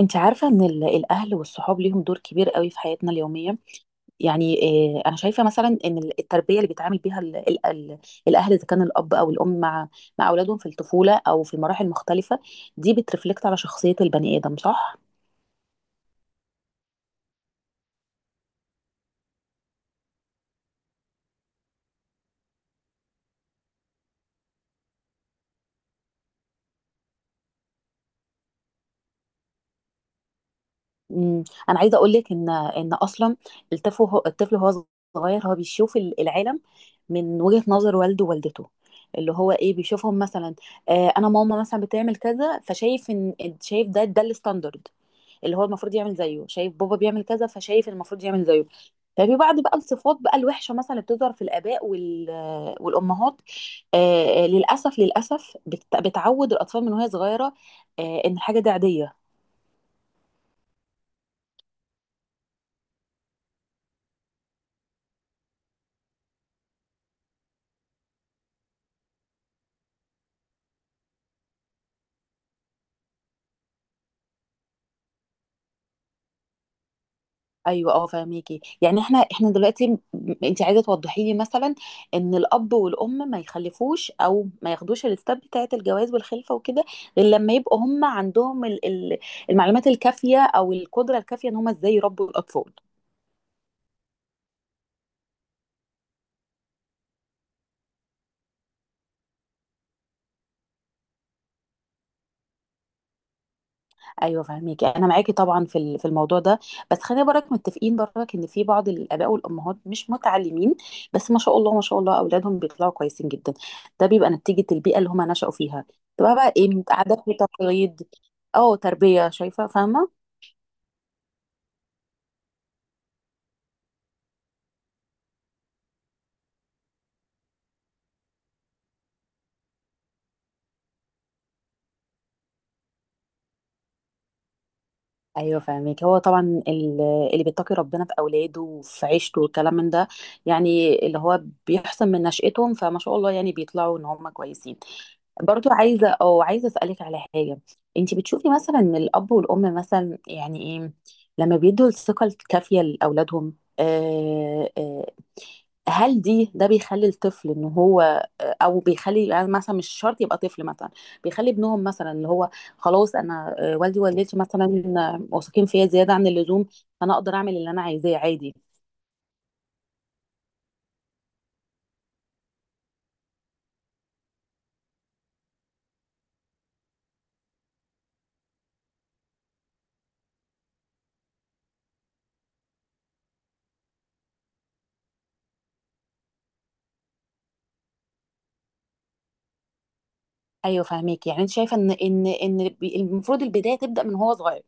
انت عارفة ان الاهل والصحاب ليهم دور كبير قوي في حياتنا اليومية يعني. اه انا شايفة مثلا ان التربية اللي بيتعامل بيها ال ال ال الاهل اذا كان الاب او الام مع اولادهم في الطفولة او في المراحل المختلفة دي بترفلكت على شخصية البني ادم، صح؟ انا عايزة اقول لك ان اصلا الطفل هو صغير، هو بيشوف العالم من وجهة نظر والده ووالدته، اللي هو ايه بيشوفهم مثلا. آه انا ماما مثلا بتعمل كذا فشايف ان شايف ده الستاندرد اللي هو المفروض يعمل زيه، شايف بابا بيعمل كذا فشايف المفروض يعمل زيه. ففي بعض بقى الصفات بقى الوحشه مثلا اللي بتظهر في الاباء والامهات. للاسف للاسف بتعود الاطفال من وهي صغيره ان الحاجه دي عاديه. ايوه اه فاهميكي يعني احنا دلوقتي انت عايزه توضحي لي مثلا ان الاب والام ما يخلفوش او ما ياخدوش الستاب بتاعه الجواز والخلفه وكده غير لما يبقوا هم عندهم المعلومات الكافيه او القدره الكافيه ان هم ازاي يربوا الاطفال. ايوه فاهميكي، انا معاكي طبعا في الموضوع ده، بس خلينا برك متفقين برك ان في بعض الاباء والامهات مش متعلمين بس ما شاء الله ما شاء الله اولادهم بيطلعوا كويسين جدا. ده بيبقى نتيجه البيئه اللي هم نشأوا فيها، تبقى بقى ايه عادات وتقاليد، اه تربيه، شايفه فاهمه. ايوه فاهمك، هو طبعا اللي بيتقي ربنا في اولاده وفي عيشته والكلام من ده، يعني اللي هو بيحسن من نشأتهم، فما شاء الله يعني بيطلعوا ان هم كويسين. برضو عايزه اسالك على حاجه، انت بتشوفي مثلا ان الاب والام مثلا، يعني ايه لما بيدوا الثقه الكافيه لاولادهم آه آه هل ده بيخلي الطفل ان هو، او بيخلي يعني مثلا مش شرط يبقى طفل مثلا، بيخلي ابنهم مثلا اللي هو خلاص انا والدي ووالدتي مثلا واثقين فيا زياده عن اللزوم فانا اقدر اعمل اللي انا عايزاه عادي؟ ايوه فاهميكي، يعني انت شايفه ان المفروض البدايه تبدا من هو صغير.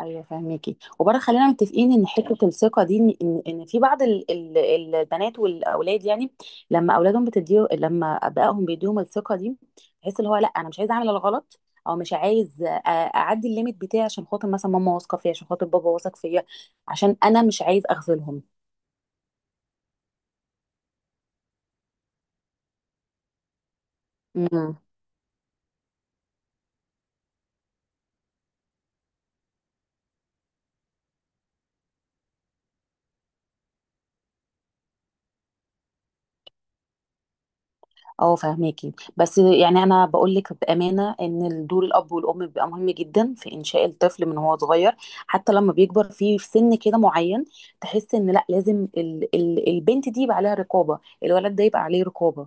ايوه فاهميكي، وبرضه خلينا متفقين ان حته الثقه دي ان في بعض البنات والاولاد يعني لما اولادهم بتديه لما ابائهم بيديهم الثقه دي تحس اللي هو لا انا مش عايزه اعمل الغلط، او مش عايز اعدي الليميت بتاعي عشان خاطر مثلا ماما واثقه فيا، عشان خاطر بابا واثق فيا، عشان انا مش عايز اغفلهم. إمم. اه فاهماكي، بس يعني انا بقول لك بامانه ان دور الاب والام بيبقى مهم جدا في انشاء الطفل من هو صغير حتى لما بيكبر في سن كده معين تحس ان لا، لازم ال البنت دي يبقى عليها رقابه، الولد ده يبقى عليه رقابه.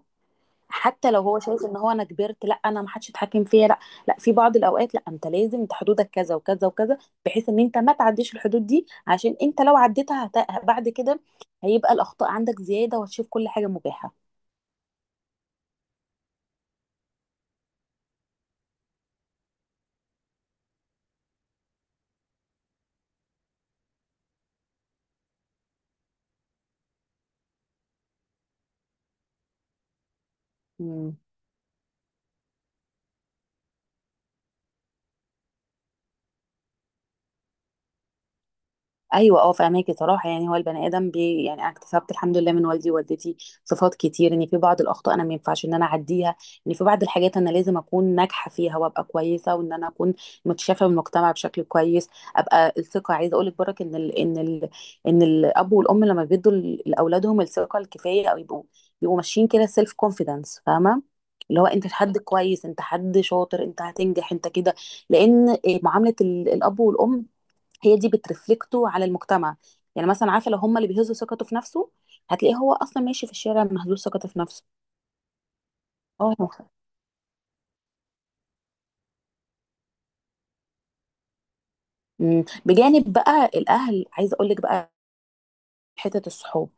حتى لو هو شايف ان هو انا كبرت، لا، انا ما حدش يتحكم فيا، لا، لا، في بعض الاوقات لا، انت لازم انت حدودك كذا وكذا وكذا، بحيث ان انت ما تعديش الحدود دي، عشان انت لو عديتها بعد كده هيبقى الاخطاء عندك زياده وهتشوف كل حاجه مباحه. مم. ايوه اه فاهماكي، صراحه يعني هو البني ادم يعني انا اكتسبت الحمد لله من والدي ووالدتي صفات كتير، ان في بعض الاخطاء انا ما ينفعش ان انا اعديها، ان في بعض الحاجات انا لازم اكون ناجحه فيها وابقى كويسه، وان انا اكون متشافه من المجتمع بشكل كويس. ابقى الثقه، عايزه اقول لك برك ان الاب والام لما بيدوا لاولادهم الثقه الكفايه او يبقوا ماشيين كده سيلف كونفيدنس فاهمه. اللي هو انت حد كويس، انت حد شاطر، انت هتنجح، انت كده، لان معامله الاب والام هي دي بترفلكته على المجتمع، يعني مثلا عارفه لو هم اللي بيهزوا ثقته في نفسه هتلاقيه هو اصلا ماشي في الشارع مهزوز ثقته في نفسه. اه. أمم. بجانب بقى الاهل عايزه اقول لك بقى حته الصحاب،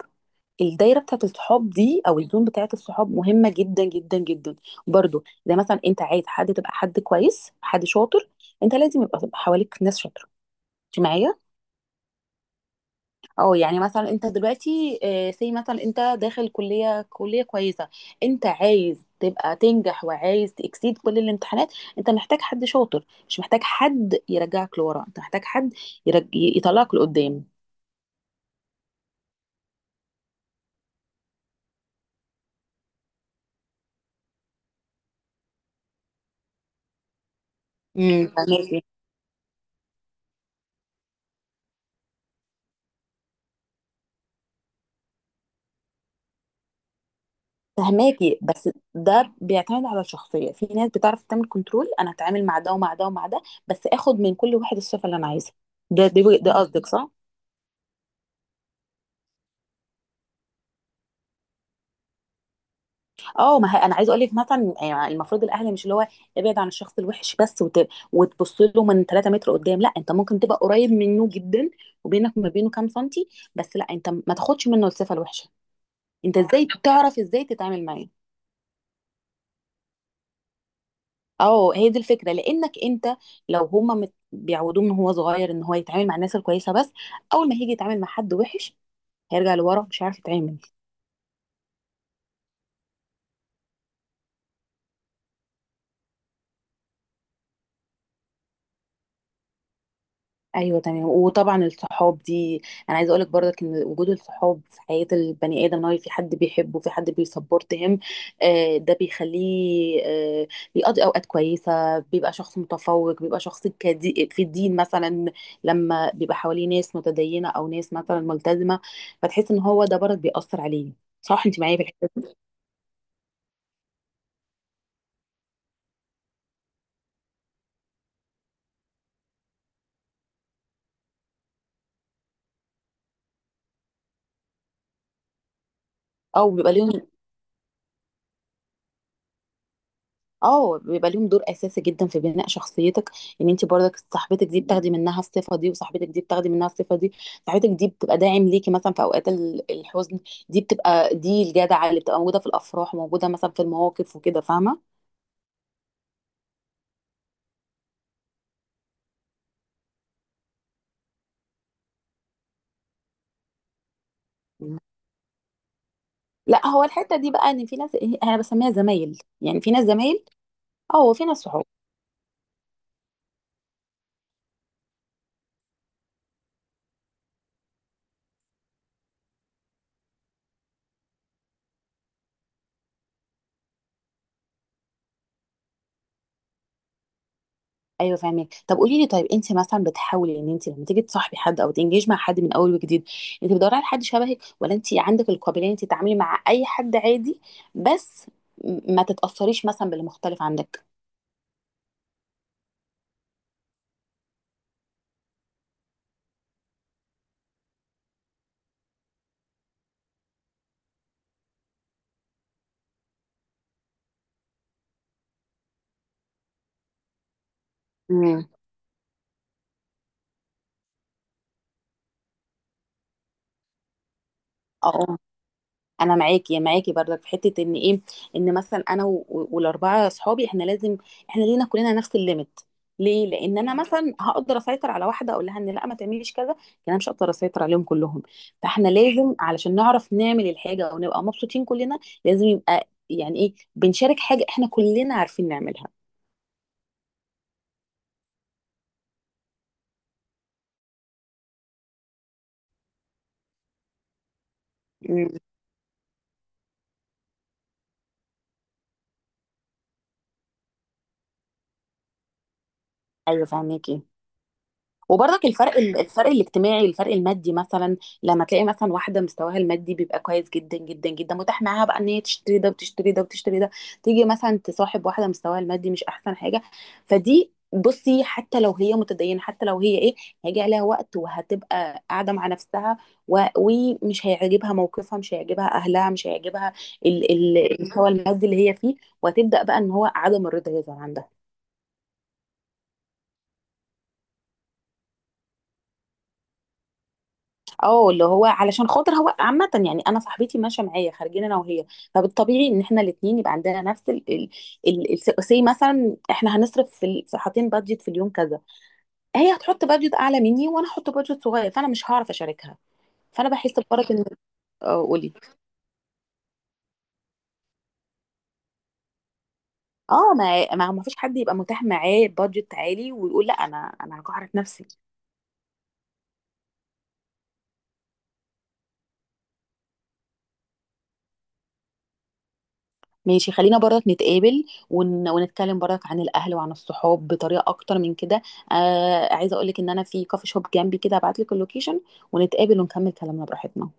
الدايره بتاعت الصحاب دي او الزون بتاعت الصحاب مهمه جدا جدا جدا. برضو زي مثلا انت عايز حد تبقى حد كويس، حد شاطر، انت لازم يبقى حواليك ناس شاطره، انت معايا. اه، يعني مثلا انت دلوقتي سي مثلا انت داخل كلية كويسة، انت عايز تبقى تنجح وعايز تكسيد كل الامتحانات، انت محتاج حد شاطر مش محتاج حد يرجعك لورا، انت محتاج حد يطلعك لقدام. فهماكي، بس ده بيعتمد على الشخصية، في ناس بتعرف تعمل كنترول، انا هتعامل مع ده ومع ده ومع ده بس اخد من كل واحد الصفة اللي انا عايزها. ده قصدك، صح؟ اه، ما هي انا عايزه اقول لك مثلا يعني المفروض الاهل، مش اللي هو ابعد عن الشخص الوحش بس وتبص له من 3 متر قدام، لا، انت ممكن تبقى قريب منه جدا وبينك وما بينه كام سنتي، بس لا انت ما تاخدش منه الصفه الوحشه، انت ازاي تعرف ازاي تتعامل معاه. اه هي دي الفكره، لانك انت لو هما بيعودوه من هو صغير ان هو يتعامل مع الناس الكويسه بس، اول ما هيجي يتعامل مع حد وحش هيرجع لورا مش عارف يتعامل. ايوه تمام، وطبعا الصحاب دي انا عايزه اقولك برضك ان وجود الصحاب في حياه البني ادم، ان هو في حد بيحبه، في حد بيسبورت هم، ده بيخليه بيقضي اوقات كويسه، بيبقى شخص متفوق، بيبقى شخص كدي في الدين مثلا لما بيبقى حواليه ناس متدينه او ناس مثلا ملتزمه، فتحس ان هو ده برضك بيأثر عليه، صح؟ انت معايا في الحته دي. او بيبقى ليهم اه بيبقى ليهم دور اساسي جدا في بناء شخصيتك، ان انت برضك صاحبتك دي بتاخدي منها الصفه دي، وصاحبتك دي بتاخدي منها الصفه دي، صاحبتك دي بتبقى داعم ليكي مثلا في اوقات الحزن، دي بتبقى دي الجدعه اللي بتبقى موجوده في الافراح وموجوده مثلا في المواقف وكده فاهمه. مم. لا هو الحته دي بقى ان في ناس انا بسميها زمايل، يعني في ناس زمايل اه وفي ناس صحاب. ايوه فاهمك، طب قولي لي، طيب انت مثلا بتحاولي ان انت لما تيجي تصاحبي حد او تنجيج مع حد من اول وجديد، انت بتدوري على حد شبهك ولا انت عندك القابليه ان انت تتعاملي مع اي حد عادي بس ما تتاثريش مثلا باللي مختلف عندك؟ مم. اه انا معاكي، برضك في حته ان ايه، ان مثلا انا والاربعه اصحابي احنا لينا كلنا نفس الليميت، ليه، لان انا مثلا هقدر اسيطر على واحده اقول لها ان لا ما تعمليش كذا، لكن انا مش هقدر اسيطر عليهم كلهم، فاحنا لازم علشان نعرف نعمل الحاجه ونبقى مبسوطين كلنا، لازم يبقى يعني ايه بنشارك حاجه احنا كلنا عارفين نعملها. أمم، ايوه فاهمكي. وبرضك الفرق الاجتماعي، الفرق المادي مثلا، لما تلاقي مثلا واحده مستواها المادي بيبقى كويس جدا جدا جدا، متاح معاها بقى ان هي تشتري ده وتشتري ده وتشتري ده، تيجي مثلا تصاحب واحده مستواها المادي مش احسن حاجه، فدي بصي حتى لو هي متدينه، حتى لو هي ايه، هيجي عليها وقت وهتبقى قاعده مع نفسها ومش هيعجبها موقفها، مش هيعجبها اهلها، مش هيعجبها المستوى المادي اللي هي فيه، وهتبدا بقى ان هو عدم الرضا يظهر عندها. اه اللي هو علشان خاطر هو عامة يعني انا صاحبتي ماشية معايا خارجين انا وهي، فبالطبيعي ان احنا الاتنين يبقى عندنا نفس سي مثلا احنا هنصرف في حاطين بادجت في اليوم كذا، هي هتحط بادجت اعلى مني وانا هحط بادجت صغير، فانا مش هعرف اشاركها، فانا بحس بفرق ان اه قولي. اه، ما فيش حد يبقى متاح معاه بادجت عالي ويقول لا انا هجهرك نفسي. ماشي، خلينا برضك نتقابل ونتكلم برضك عن الاهل وعن الصحاب بطريقه اكتر من كده. عايزه اقولك ان انا في كافي شوب جنبي كده، ابعتلك اللوكيشن ونتقابل ونكمل كلامنا براحتنا.